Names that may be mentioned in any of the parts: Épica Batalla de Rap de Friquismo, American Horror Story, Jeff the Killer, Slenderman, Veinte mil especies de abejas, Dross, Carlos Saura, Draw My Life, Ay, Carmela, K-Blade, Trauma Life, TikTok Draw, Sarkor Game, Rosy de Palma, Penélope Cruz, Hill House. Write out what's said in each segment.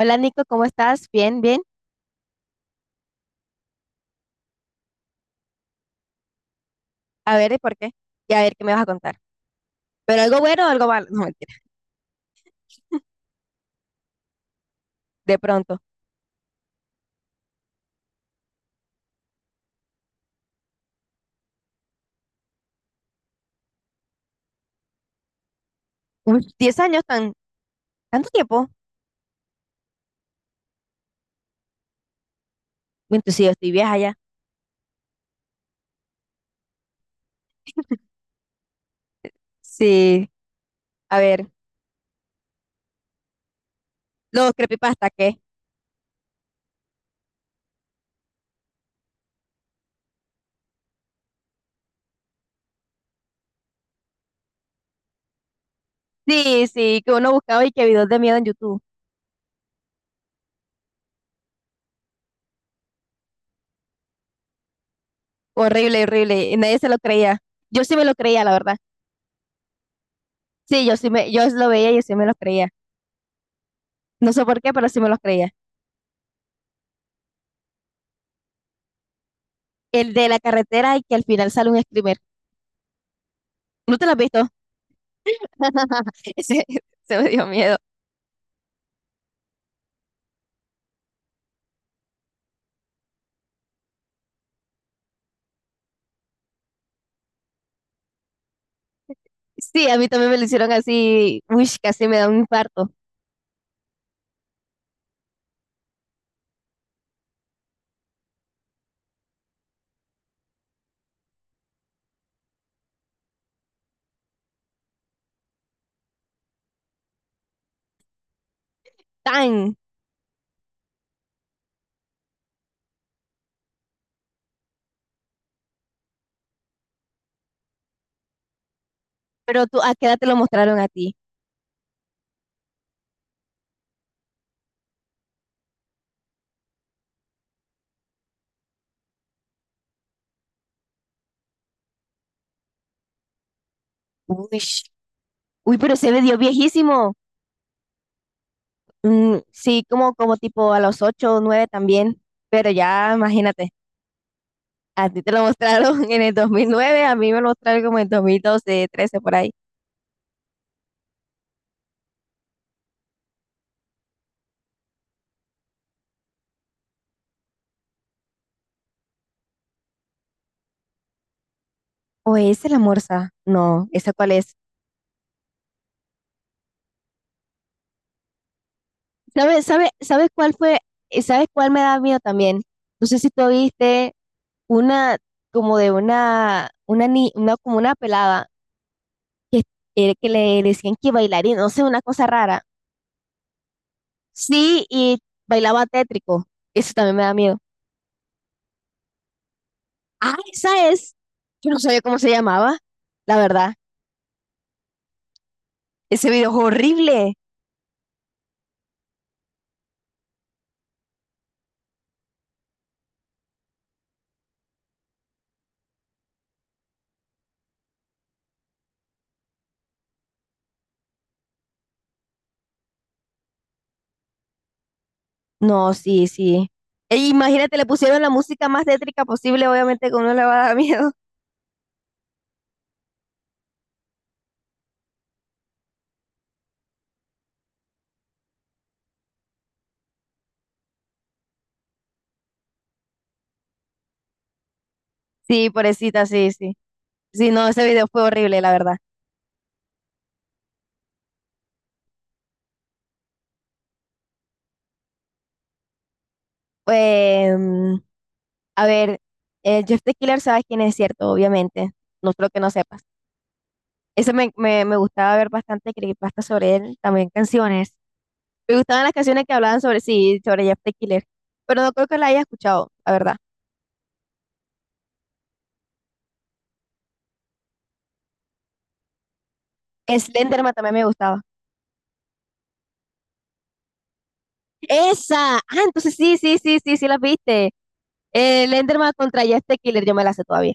Hola Nico, ¿cómo estás? Bien, bien. A ver, ¿y por qué? Y a ver qué me vas a contar. ¿Pero algo bueno o algo malo? No, mentira. De pronto. Uy, 10 años, tan, tanto tiempo. Bueno, sí, yo estoy vieja ya. Sí. A ver, los creepypasta, ¿qué? Sí, sí, que uno buscaba y que videos de miedo en YouTube. Horrible, horrible. Y nadie se lo creía. Yo sí me lo creía, la verdad. Sí, yo sí me, yo lo veía y yo sí me los creía. No sé por qué, pero sí me los creía. El de la carretera y que al final sale un screamer. ¿No te lo has visto? Ese, se me dio miedo. Sí, a mí también me lo hicieron así, uy, casi me da un infarto. ¡Tan! Pero tú, ¿a qué edad te lo mostraron a ti? Uy, uy, pero se me dio viejísimo. Sí, como, como tipo a los 8, o 9 también. Pero ya, imagínate, a ti te lo mostraron en el 2009, a mí me lo mostraron como en 2012, 13, por ahí. ¿O es el Amorza? No, ¿esa cuál es? ¿Sabes cuál fue? ¿Sabes cuál me da miedo también? No sé si tú viste una como de una, ni- una como una pelada que, que le decían que bailaría, no sé, una cosa rara. Sí, y bailaba tétrico. Eso también me da miedo. Ah, esa es. Yo no sabía cómo se llamaba, la verdad. Ese video es horrible. No, sí, sí. E imagínate, le pusieron la música más tétrica posible, obviamente que uno le va a dar miedo. Sí, pobrecita, sí, sí. Sí, no, ese video fue horrible, la verdad. Pues, a ver, Jeff the Killer, sabes quién es cierto, obviamente. No creo que no sepas. Ese me gustaba ver bastante creepypasta sobre él, también canciones. Me gustaban las canciones que hablaban sobre sí, sobre Jeff the Killer. Pero no creo que la haya escuchado, la verdad. Slenderman también me gustaba. ¡Esa! Ah, entonces sí, sí, sí, sí, sí, las viste. Slenderman contra Jeff the Killer, yo me la sé todavía.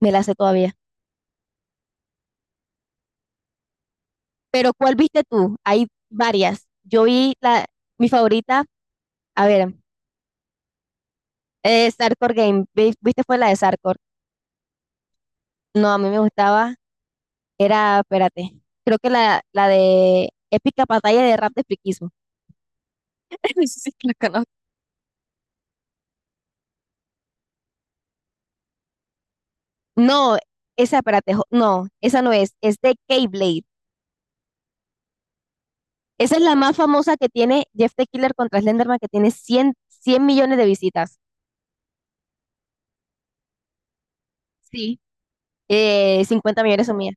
Me la sé todavía. Pero ¿cuál viste tú? Hay varias. Yo vi mi favorita, a ver, Sarkor Game. ¿Viste? Fue la de Sarkor. No, a mí me gustaba, era, espérate, creo que la de Épica Batalla de Rap de Friquismo. Sí, la conozco. No, esa, espérate, no, esa no es, es de K-Blade. Esa es la más famosa que tiene Jeff the Killer contra Slenderman, que tiene cien millones de visitas. Sí. 50 millones son mías.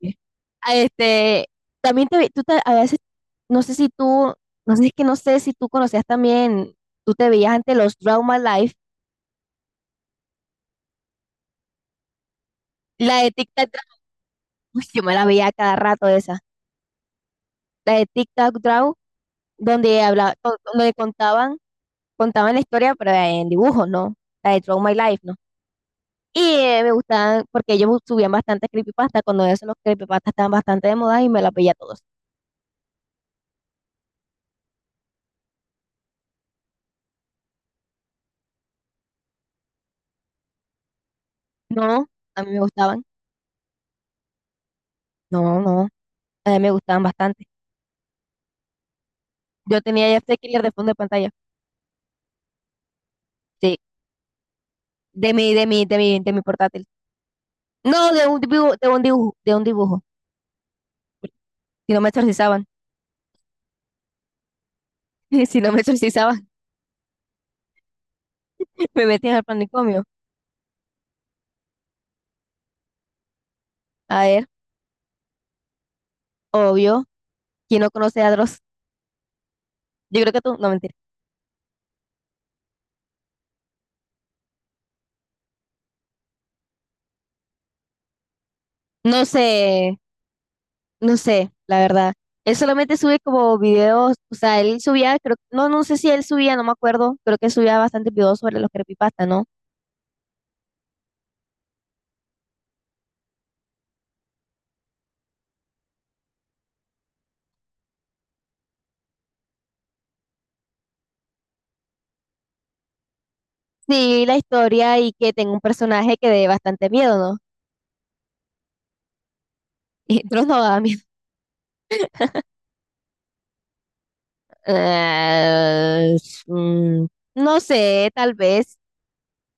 Sí. Ah, también te, vi- tú te- a veces, no sé si tú, no sé, es que no sé si tú conocías también, tú te veías ante los Trauma Life, la de Tic Uy, yo me la veía cada rato esa. La de TikTok Draw, donde contaban, contaban la historia, pero en dibujos, ¿no? La de Draw My Life, ¿no? Y me gustaban, porque ellos subían bastante creepypasta, cuando eso los creepypastas estaban bastante de moda y me las veía todos. No, a mí me gustaban. No, no, a mí me gustaban bastante. Yo tenía ya este Killer de fondo de pantalla. Sí, de mi portátil. No, de un dibujo, de un dibujo, de un dibujo. Si no me exorcizaban, si no me exorcizaban, me metían al manicomio. A ver. Obvio, ¿quién no conoce a Dross? Yo creo que tú, no mentira. No sé, no sé, la verdad. Él solamente sube como videos, o sea, él subía, creo, no, no sé si él subía, no me acuerdo, creo que subía bastantes videos sobre los creepypasta, ¿no? Sí, la historia y que tenga un personaje que dé bastante miedo, ¿no? Y Dross no da miedo. Eh, mm, no sé, tal vez,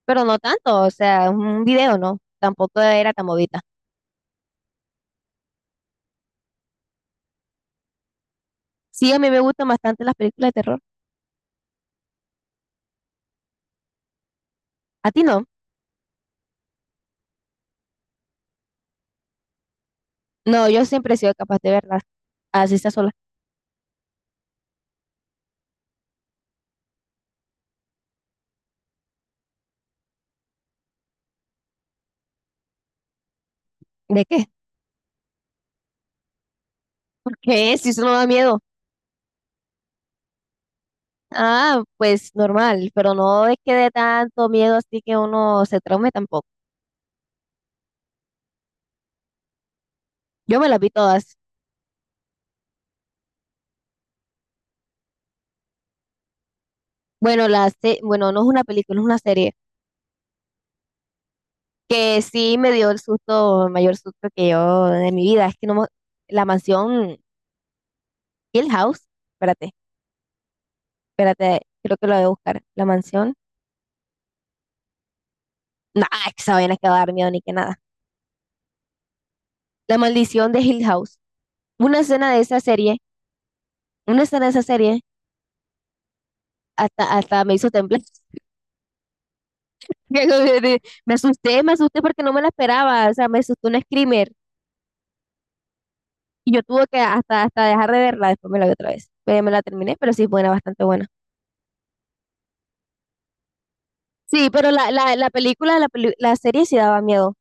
pero no tanto, o sea, un video, ¿no? Tampoco era tan movida. Sí, a mí me gustan bastante las películas de terror. ¿A ti no? No, yo siempre he sido capaz de verlas, así está sola. ¿De qué? ¿Por qué? Si eso no da miedo. Ah, pues normal, pero no es que dé tanto miedo así que uno se traume tampoco. Yo me las vi todas. Bueno, no es una película, es una serie que sí me dio el susto, el mayor susto que yo de mi vida. Es que no me- La mansión Hill House, espérate, espérate, creo que lo voy a buscar. La mansión, nah, es que esa vaina que va a dar miedo ni que nada. La maldición de Hill House. Una escena de esa serie, una escena de esa serie hasta me hizo temblar. Me asusté porque no me la esperaba, o sea, me asustó un screamer y yo tuve que hasta dejar de verla, después me la vi otra vez, pero me la terminé, pero sí, es buena, bastante buena. Sí, pero la película, la serie sí daba miedo.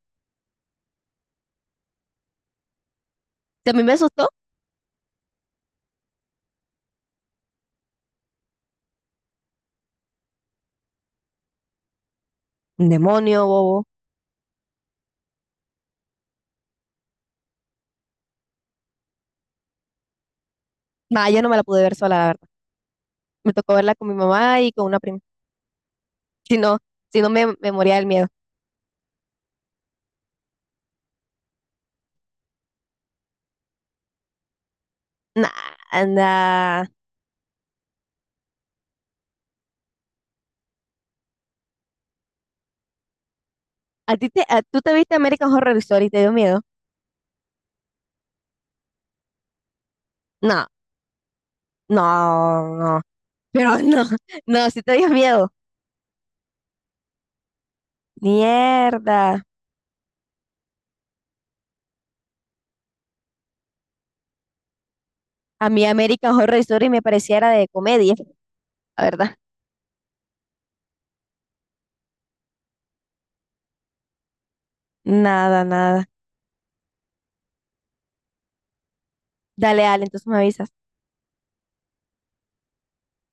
También me asustó, un demonio, bobo. Nah, yo no me la pude ver sola, la verdad. Me tocó verla con mi mamá y con una prima. Si no, me moría del miedo. Nah, nah. ¿A ti te, tú te viste American Horror Story y te dio miedo? No, no, no. Pero no, no, sí te dio miedo. Mierda. A mí American Horror Story me pareciera de comedia, la verdad. Nada, nada. Dale, Ale, entonces me avisas.